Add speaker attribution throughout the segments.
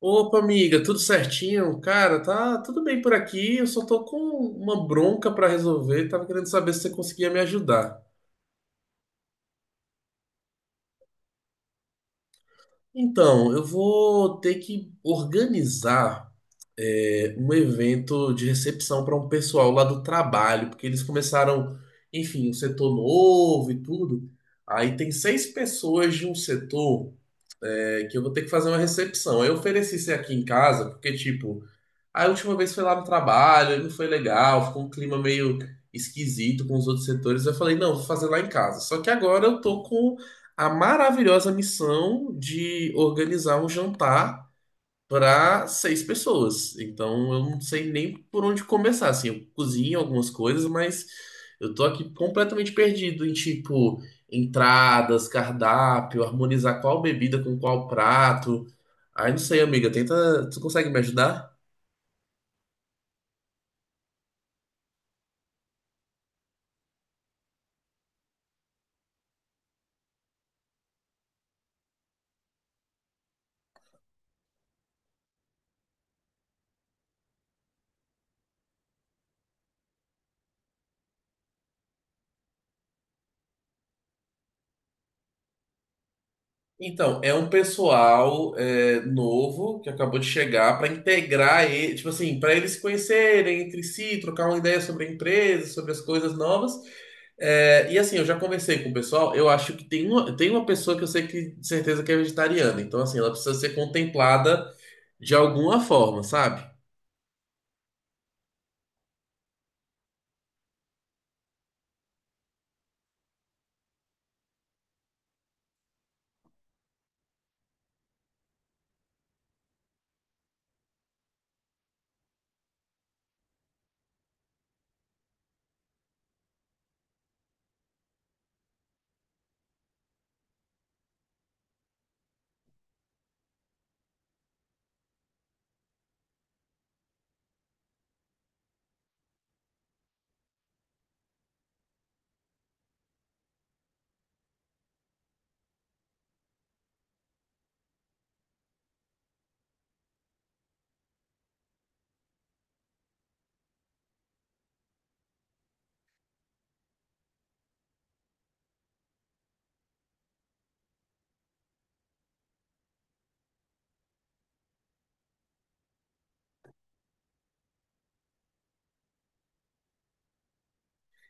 Speaker 1: Opa, amiga, tudo certinho? Cara, tá tudo bem por aqui. Eu só tô com uma bronca pra resolver. Tava querendo saber se você conseguia me ajudar. Então, eu vou ter que organizar um evento de recepção para um pessoal lá do trabalho, porque eles começaram, enfim, um setor novo e tudo. Aí tem seis pessoas de um setor que eu vou ter que fazer uma recepção. Aí eu ofereci isso aqui em casa, porque, tipo. A última vez foi lá no trabalho, e não foi legal, ficou um clima meio esquisito com os outros setores. Eu falei, não, vou fazer lá em casa. Só que agora eu tô com a maravilhosa missão de organizar um jantar para seis pessoas. Então eu não sei nem por onde começar. Assim, eu cozinho algumas coisas, mas eu tô aqui completamente perdido em tipo entradas, cardápio, harmonizar qual bebida com qual prato. Ai, não sei, amiga, tenta. Tu consegue me ajudar? Então, é um pessoal novo que acabou de chegar para integrar ele, tipo assim, para eles se conhecerem entre si, trocar uma ideia sobre a empresa, sobre as coisas novas. É, e assim, eu já conversei com o pessoal, eu acho que tem uma pessoa que eu sei que de certeza que é vegetariana, então assim, ela precisa ser contemplada de alguma forma, sabe?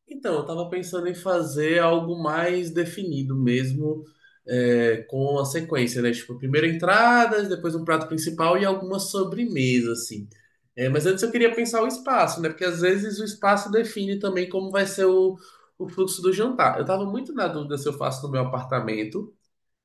Speaker 1: Então, eu estava pensando em fazer algo mais definido mesmo, com a sequência, né? Tipo, primeiro entradas, depois um prato principal e alguma sobremesa, assim. É, mas antes eu queria pensar o espaço, né? Porque às vezes o espaço define também como vai ser o fluxo do jantar. Eu estava muito na dúvida se eu faço no meu apartamento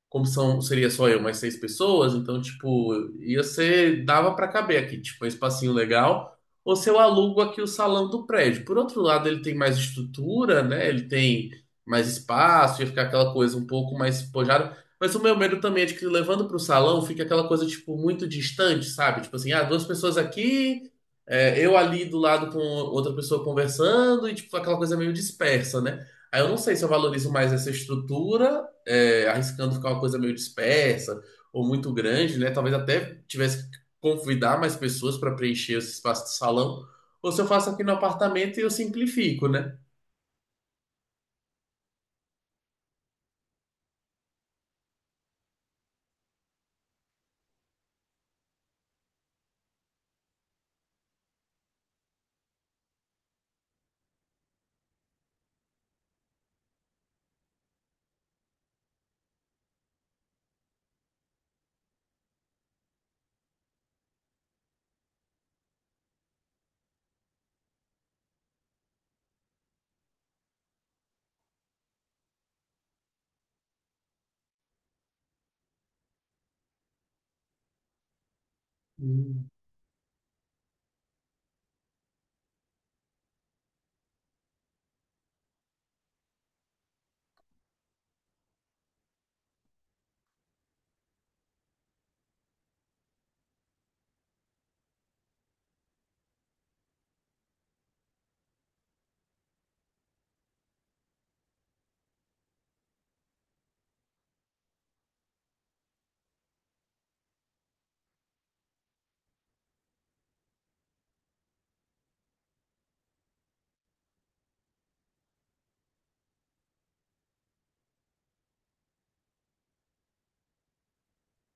Speaker 1: como são, seria só eu, mais seis pessoas, então, tipo, ia ser, dava pra caber aqui, tipo, um espacinho legal, ou se eu alugo aqui o salão do prédio. Por outro lado, ele tem mais estrutura, né? Ele tem mais espaço, ia ficar aquela coisa um pouco mais pojada. Mas o meu medo também é de que levando pro salão fica aquela coisa, tipo, muito distante, sabe? Tipo assim, ah, duas pessoas aqui, eu ali do lado com outra pessoa conversando, e, tipo, aquela coisa meio dispersa, né? Aí eu não sei se eu valorizo mais essa estrutura arriscando ficar uma coisa meio dispersa ou muito grande, né? Talvez até tivesse que convidar mais pessoas para preencher esse espaço de salão, ou se eu faço aqui no apartamento e eu simplifico, né?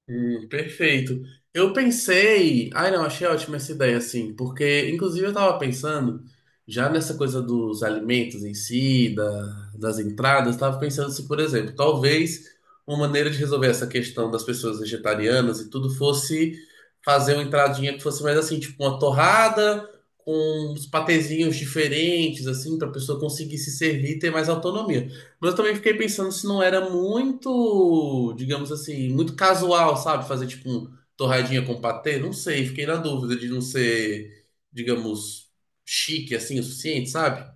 Speaker 1: Perfeito. Eu pensei. Ai, não, achei ótima essa ideia, assim, porque, inclusive, eu tava pensando já nessa coisa dos alimentos em si, das entradas, tava pensando se, por exemplo, talvez uma maneira de resolver essa questão das pessoas vegetarianas e tudo fosse fazer uma entradinha que fosse mais assim, tipo uma torrada com uns patezinhos diferentes, assim, pra pessoa conseguir se servir e ter mais autonomia. Mas eu também fiquei pensando se não era muito, digamos assim, muito casual, sabe? Fazer tipo um torradinha com patê, não sei, fiquei na dúvida de não ser, digamos, chique assim o suficiente, sabe?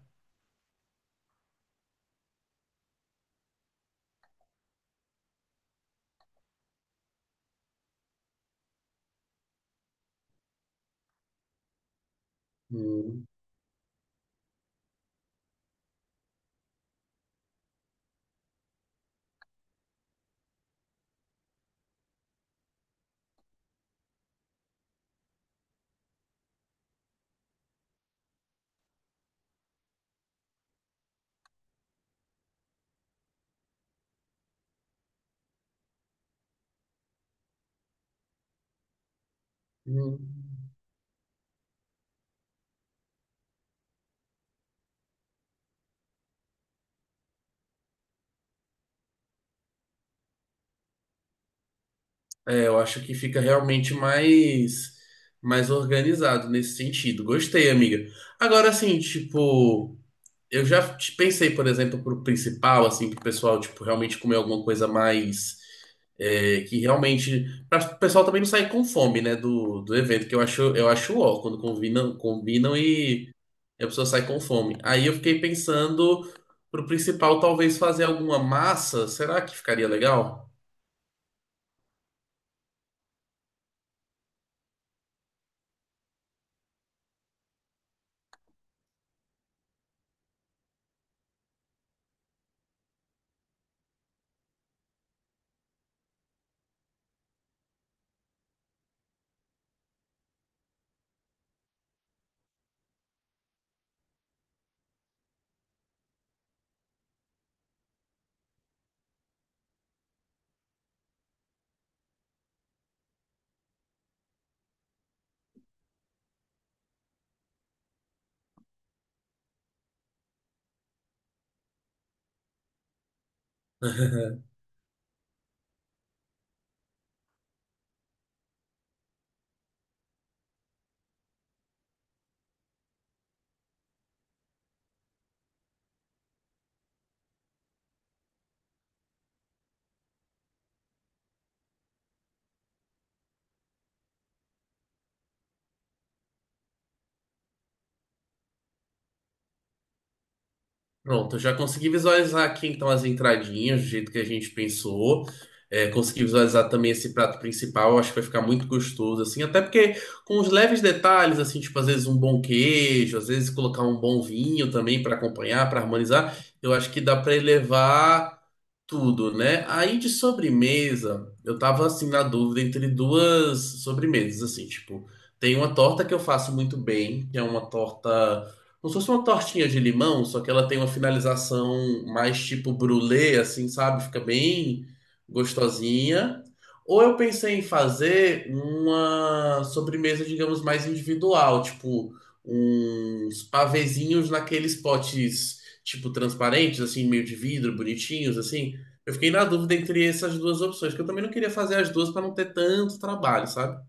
Speaker 1: Hum, hum. É, eu acho que fica realmente mais organizado nesse sentido. Gostei, amiga. Agora assim, tipo, pensei, por exemplo, pro principal, assim, pro pessoal, tipo, realmente comer alguma coisa mais. Que realmente. Pra o pessoal também não sair com fome, né? Do evento, que eu acho ó, quando combinam, combinam e a pessoa sai com fome. Aí eu fiquei pensando pro principal, talvez fazer alguma massa. Será que ficaria legal? Pronto, eu já consegui visualizar aqui então as entradinhas, do jeito que a gente pensou. É, consegui visualizar também esse prato principal, eu acho que vai ficar muito gostoso, assim, até porque com os leves detalhes, assim, tipo, às vezes um bom queijo, às vezes colocar um bom vinho também para acompanhar, para harmonizar, eu acho que dá para elevar tudo, né? Aí de sobremesa, eu tava assim na dúvida entre duas sobremesas, assim, tipo, tem uma torta que eu faço muito bem, que é uma torta, como se fosse uma tortinha de limão, só que ela tem uma finalização mais tipo brulê, assim, sabe? Fica bem gostosinha. Ou eu pensei em fazer uma sobremesa, digamos, mais individual, tipo uns pavezinhos naqueles potes tipo transparentes, assim, meio de vidro, bonitinhos, assim. Eu fiquei na dúvida entre essas duas opções, que eu também não queria fazer as duas para não ter tanto trabalho, sabe?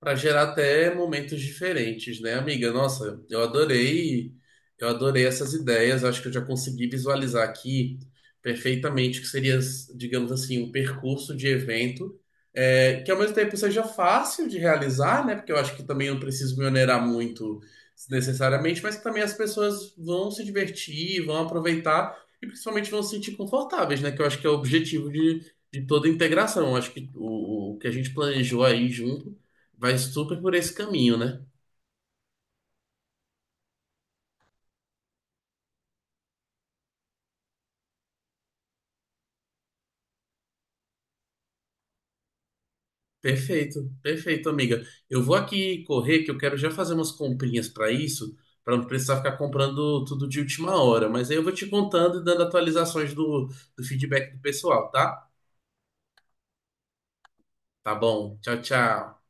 Speaker 1: Para gerar até momentos diferentes, né, amiga? Nossa, eu adorei essas ideias. Acho que eu já consegui visualizar aqui perfeitamente o que seria, digamos assim, um percurso de evento, que ao mesmo tempo seja fácil de realizar, né? Porque eu acho que também eu não preciso me onerar muito necessariamente, mas que também as pessoas vão se divertir, vão aproveitar e principalmente vão se sentir confortáveis, né? Que eu acho que é o objetivo de toda a integração. Eu acho que o que a gente planejou aí junto vai super por esse caminho, né? Perfeito, perfeito, amiga. Eu vou aqui correr, que eu quero já fazer umas comprinhas para isso, para não precisar ficar comprando tudo de última hora. Mas aí eu vou te contando e dando atualizações do feedback do pessoal, tá? Tá bom. Tchau, tchau.